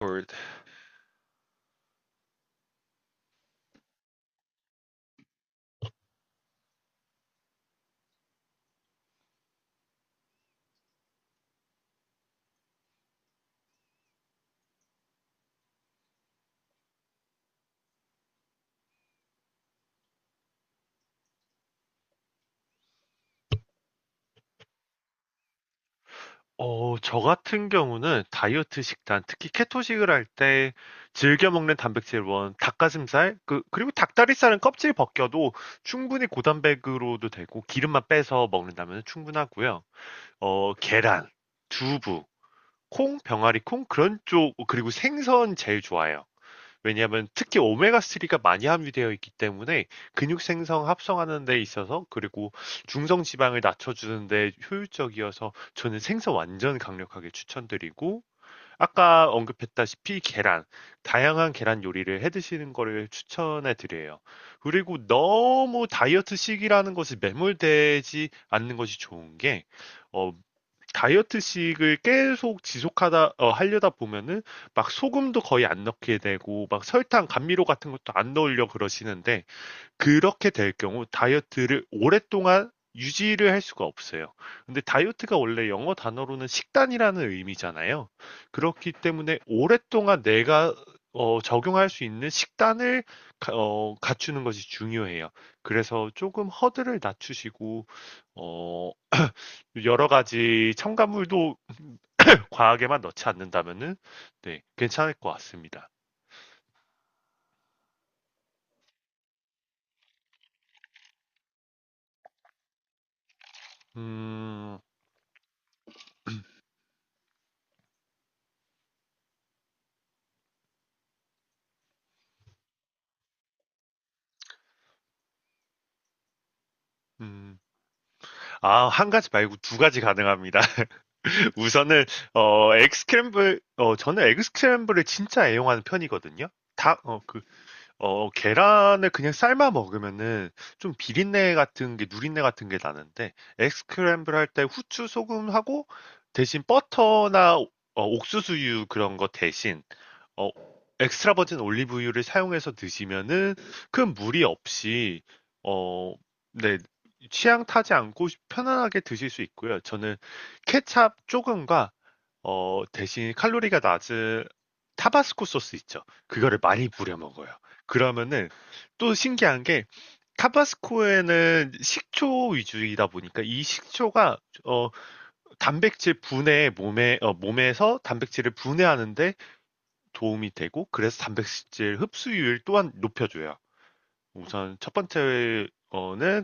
홀드. 저 같은 경우는 다이어트 식단, 특히 케토식을 할 때 즐겨 먹는 단백질 원, 닭가슴살, 그리고 닭다리살은 껍질 벗겨도 충분히 고단백으로도 되고 기름만 빼서 먹는다면 충분하고요. 계란, 두부, 콩, 병아리 콩, 그런 쪽, 그리고 생선 제일 좋아요. 왜냐하면 특히 오메가3가 많이 함유되어 있기 때문에 근육 생성 합성하는 데 있어서 그리고 중성 지방을 낮춰주는 데 효율적이어서 저는 생선 완전 강력하게 추천드리고 아까 언급했다시피 계란 다양한 계란 요리를 해 드시는 거를 추천해 드려요. 그리고 너무 다이어트식이라는 것을 매몰되지 않는 것이 좋은 게 어, 다이어트식을 계속 지속하다 하려다 보면은 막 소금도 거의 안 넣게 되고 막 설탕, 감미료 같은 것도 안 넣으려 그러시는데 그렇게 될 경우 다이어트를 오랫동안 유지를 할 수가 없어요. 근데 다이어트가 원래 영어 단어로는 식단이라는 의미잖아요. 그렇기 때문에 오랫동안 내가 적용할 수 있는 식단을 갖추는 것이 중요해요. 그래서 조금 허들을 낮추시고 어, 여러 가지 첨가물도 과하게만 넣지 않는다면은 네, 괜찮을 것 같습니다. 음, 음. 아, 한 가지 말고 두 가지 가능합니다. 우선은 에그스크램블 저는 에그스크램블을 진짜 애용하는 편이거든요. 다, 어, 그, 어, 계란을 그냥 삶아 먹으면은 좀 비린내 같은 게, 누린내 같은 게 나는데, 에스크램블 할 때 후추, 소금하고 대신 버터나 옥수수유 그런 거 대신 어, 엑스트라 버진 올리브유를 사용해서 드시면은 큰 무리 없이 어, 네, 취향 타지 않고 편안하게 드실 수 있고요. 저는 케찹 조금과 대신 칼로리가 낮은 타바스코 소스 있죠. 그거를 많이 뿌려 먹어요. 그러면은 또 신기한 게 타바스코에는 식초 위주이다 보니까 이 식초가 어, 단백질 분해 몸에 몸에서 단백질을 분해하는데 도움이 되고 그래서 단백질 흡수율 또한 높여줘요. 우선 첫 번째는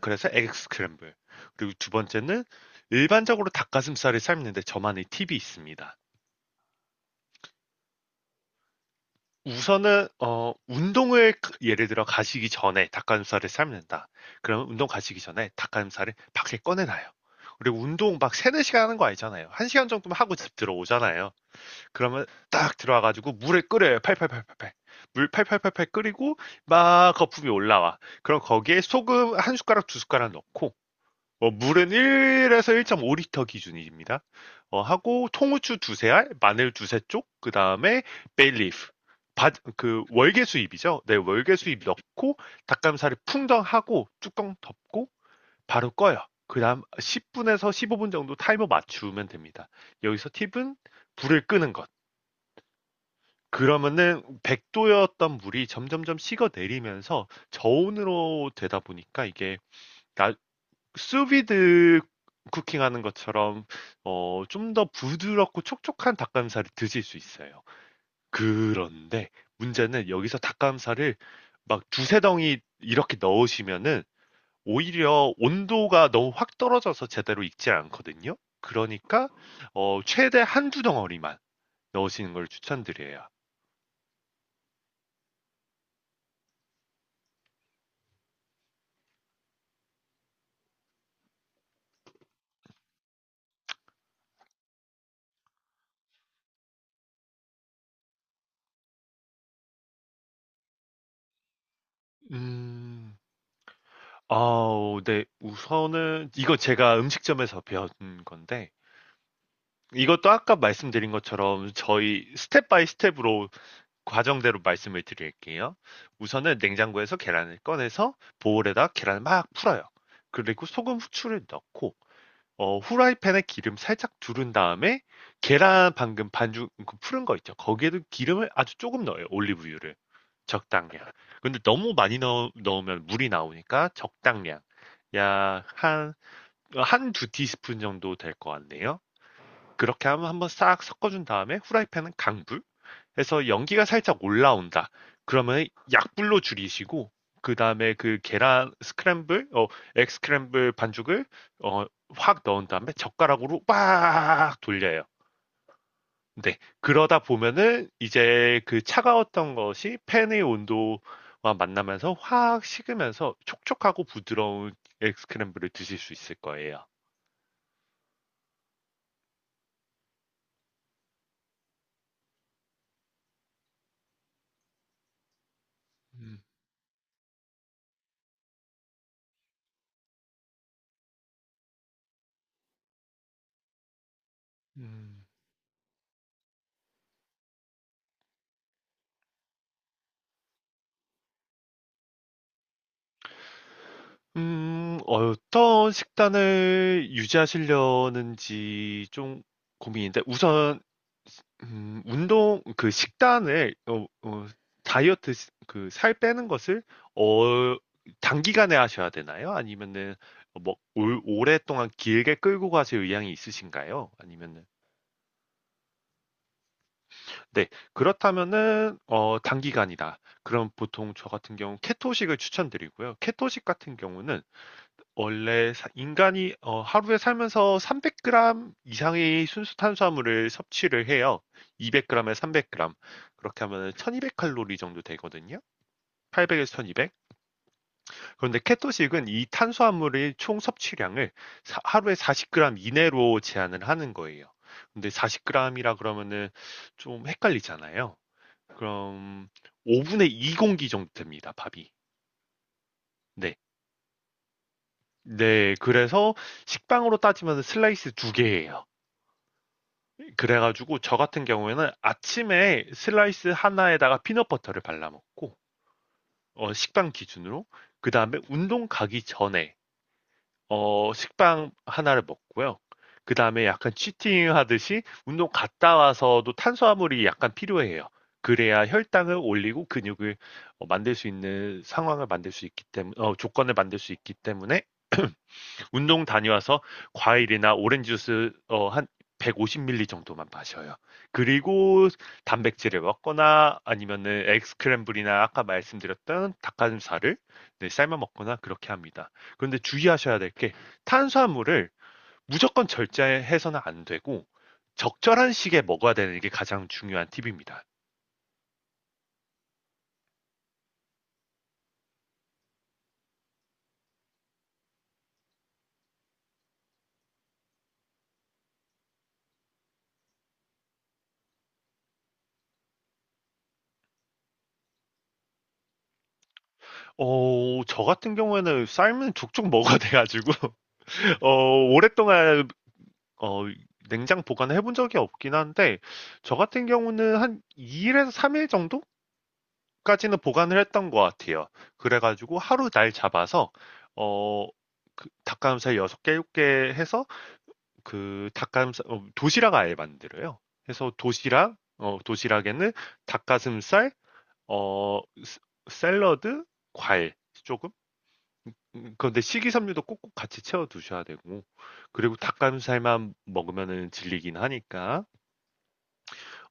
그래서 에그 스크램블. 그리고 두 번째는 일반적으로 닭가슴살을 삶는데 저만의 팁이 있습니다. 우선은 운동을 그 예를 들어 가시기 전에 닭가슴살을 삶는다. 그러면 운동 가시기 전에 닭가슴살을 밖에 꺼내놔요. 그리고 운동 막 3, 4시간 하는 거 아니잖아요. 1시간 정도만 하고 집 들어오잖아요. 그러면 딱 들어와가지고 물을 끓여요. 팔팔팔팔팔. 물 팔팔팔팔 끓이고 막 거품이 올라와. 그럼 거기에 소금 한 숟가락 두 숟가락 넣고 물은 1에서 1.5리터 기준입니다. 하고 통후추 두세 알, 마늘 두세 쪽, 그 다음에 베일리프. 그 월계수잎이죠. 네, 월계수잎 넣고 닭가슴살을 풍덩하고 뚜껑 덮고 바로 꺼요. 그 다음 10분에서 15분 정도 타이머 맞추면 됩니다. 여기서 팁은 불을 끄는 것. 그러면은 백도 였던 물이 점점점 식어 내리면서 저온으로 되다 보니까 이게 나 수비드 쿠킹하는 것처럼 좀 더 부드럽고 촉촉한 닭가슴살을 드실 수 있어요. 그런데 문제는 여기서 닭가슴살을 막 두세 덩이 이렇게 넣으시면은 오히려 온도가 너무 확 떨어져서 제대로 익지 않거든요. 그러니까 최대 한두 덩어리만 넣으시는 걸 추천드려요. 음, 아우 네. 우선은 이거 제가 음식점에서 배운 건데 이것도 아까 말씀드린 것처럼 저희 스텝 바이 스텝으로 과정대로 말씀을 드릴게요. 우선은 냉장고에서 계란을 꺼내서 보울에다 계란을 막 풀어요. 그리고 소금, 후추를 넣고 어 후라이팬에 기름 살짝 두른 다음에 계란 방금 반죽 그 푸른 거 있죠. 거기에도 기름을 아주 조금 넣어요. 올리브유를. 적당량. 근데 너무 많이 넣으면 물이 나오니까 적당량. 약 한, 한두 티스푼 정도 될 것 같네요. 그렇게 하면 한번 싹 섞어준 다음에 후라이팬은 강불 래서 연기가 살짝 올라온다. 그러면 약불로 줄이시고 그 다음에 그 계란 스크램블, egg 스크램블 반죽을 어, 확 넣은 다음에 젓가락으로 빡 돌려요. 네. 그러다 보면은 이제 그 차가웠던 것이 팬의 온도와 만나면서 확 식으면서 촉촉하고 부드러운 엑 스크램블을 드실 수 있을 거예요. 음, 음. 어떤 식단을 유지하시려는지 좀 고민인데, 우선, 운동, 그 식단을, 다이어트, 살 빼는 것을, 어, 단기간에 하셔야 되나요? 아니면은, 오랫동안 길게 끌고 가실 의향이 있으신가요? 아니면은, 네, 그렇다면은, 단기간이다. 그럼 보통 저 같은 경우 케토식을 추천드리고요. 케토식 같은 경우는 원래 인간이 하루에 살면서 300g 이상의 순수 탄수화물을 섭취를 해요. 200g에 300g. 그렇게 하면 1200칼로리 정도 되거든요. 800에서 1200. 그런데 케토식은 이 탄수화물의 총 섭취량을 하루에 40g 이내로 제한을 하는 거예요. 근데 40g이라 그러면은 좀 헷갈리잖아요. 그럼 5분의 2 공기 정도 됩니다, 밥이. 네. 네, 그래서 식빵으로 따지면 슬라이스 두 개예요. 그래가지고 저 같은 경우에는 아침에 슬라이스 하나에다가 피넛버터를 발라먹고 식빵 기준으로 그 다음에 운동 가기 전에 식빵 하나를 먹고요. 그 다음에 약간 치팅 하듯이 운동 갔다 와서도 탄수화물이 약간 필요해요. 그래야 혈당을 올리고 근육을 만들 수 있는 상황을 만들 수 있기 때문에 조건을 만들 수 있기 때문에 운동 다녀와서 과일이나 오렌지 주스 한 150ml 정도만 마셔요. 그리고 단백질을 먹거나 아니면은 에스크램블이나 아까 말씀드렸던 닭가슴살을 네, 삶아 먹거나 그렇게 합니다. 그런데 주의하셔야 될 게 탄수화물을 무조건 절제해서는 안 되고 적절한 시기에 먹어야 되는 게 가장 중요한 팁입니다. 저 같은 경우에는 쌀은 족족 먹어야 돼가지고, 오랫동안 어, 냉장 보관해 본 적이 없긴 한데, 저 같은 경우는 한 2일에서 3일 정도까지는 보관을 했던 것 같아요. 그래가지고 하루 날 잡아서, 어, 그 닭가슴살 6개, 7개 해서 그 닭가슴살, 도시락 아예 만들어요. 그래서 도시락, 도시락에는 닭가슴살, 어, 스- 샐러드, 과일 조금? 그런데 식이섬유도 꼭꼭 같이 채워 두셔야 되고, 그리고 닭가슴살만 먹으면 질리긴 하니까.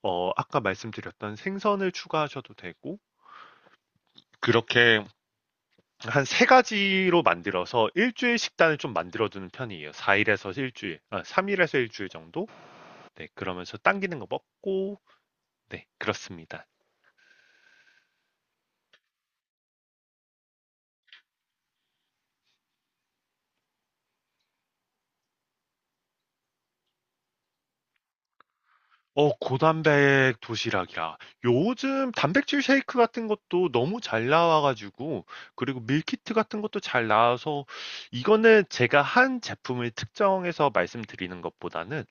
어 아까 말씀드렸던 생선을 추가하셔도 되고 그렇게 한 세 가지로 만들어서 일 주일 식단을 좀 만들어 두는 편이에요. 4 일에서 일 주일, 아 3 일에서 일 주일 정도? 네 그러면서 당기는 거 먹고 네 그렇습니다. 고단백 도시락이라. 요즘 단백질 쉐이크 같은 것도 너무 잘 나와가지고, 그리고 밀키트 같은 것도 잘 나와서, 이거는 제가 한 제품을 특정해서 말씀드리는 것보다는,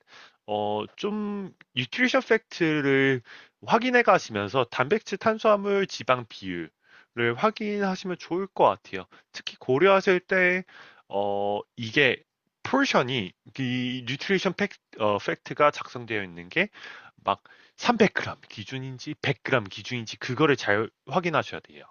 뉴트리션 팩트를 확인해 가시면서 단백질, 탄수화물, 지방 비율을 확인하시면 좋을 것 같아요. 특히 고려하실 때, 이게, 포션이, 이 뉴트리션 팩, 어, 팩트가 작성되어 있는 게 막 300g 기준인지 100g 기준인지 그거를 잘 확인하셔야 돼요.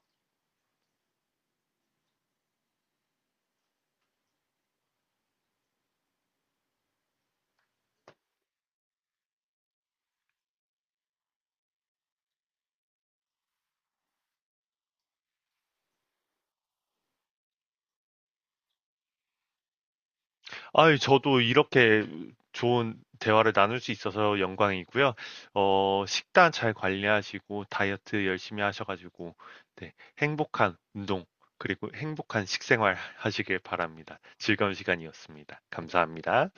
아유, 저도 이렇게 좋은 대화를 나눌 수 있어서 영광이고요. 식단 잘 관리하시고 다이어트 열심히 하셔가지고 네, 행복한 운동 그리고 행복한 식생활 하시길 바랍니다. 즐거운 시간이었습니다. 감사합니다.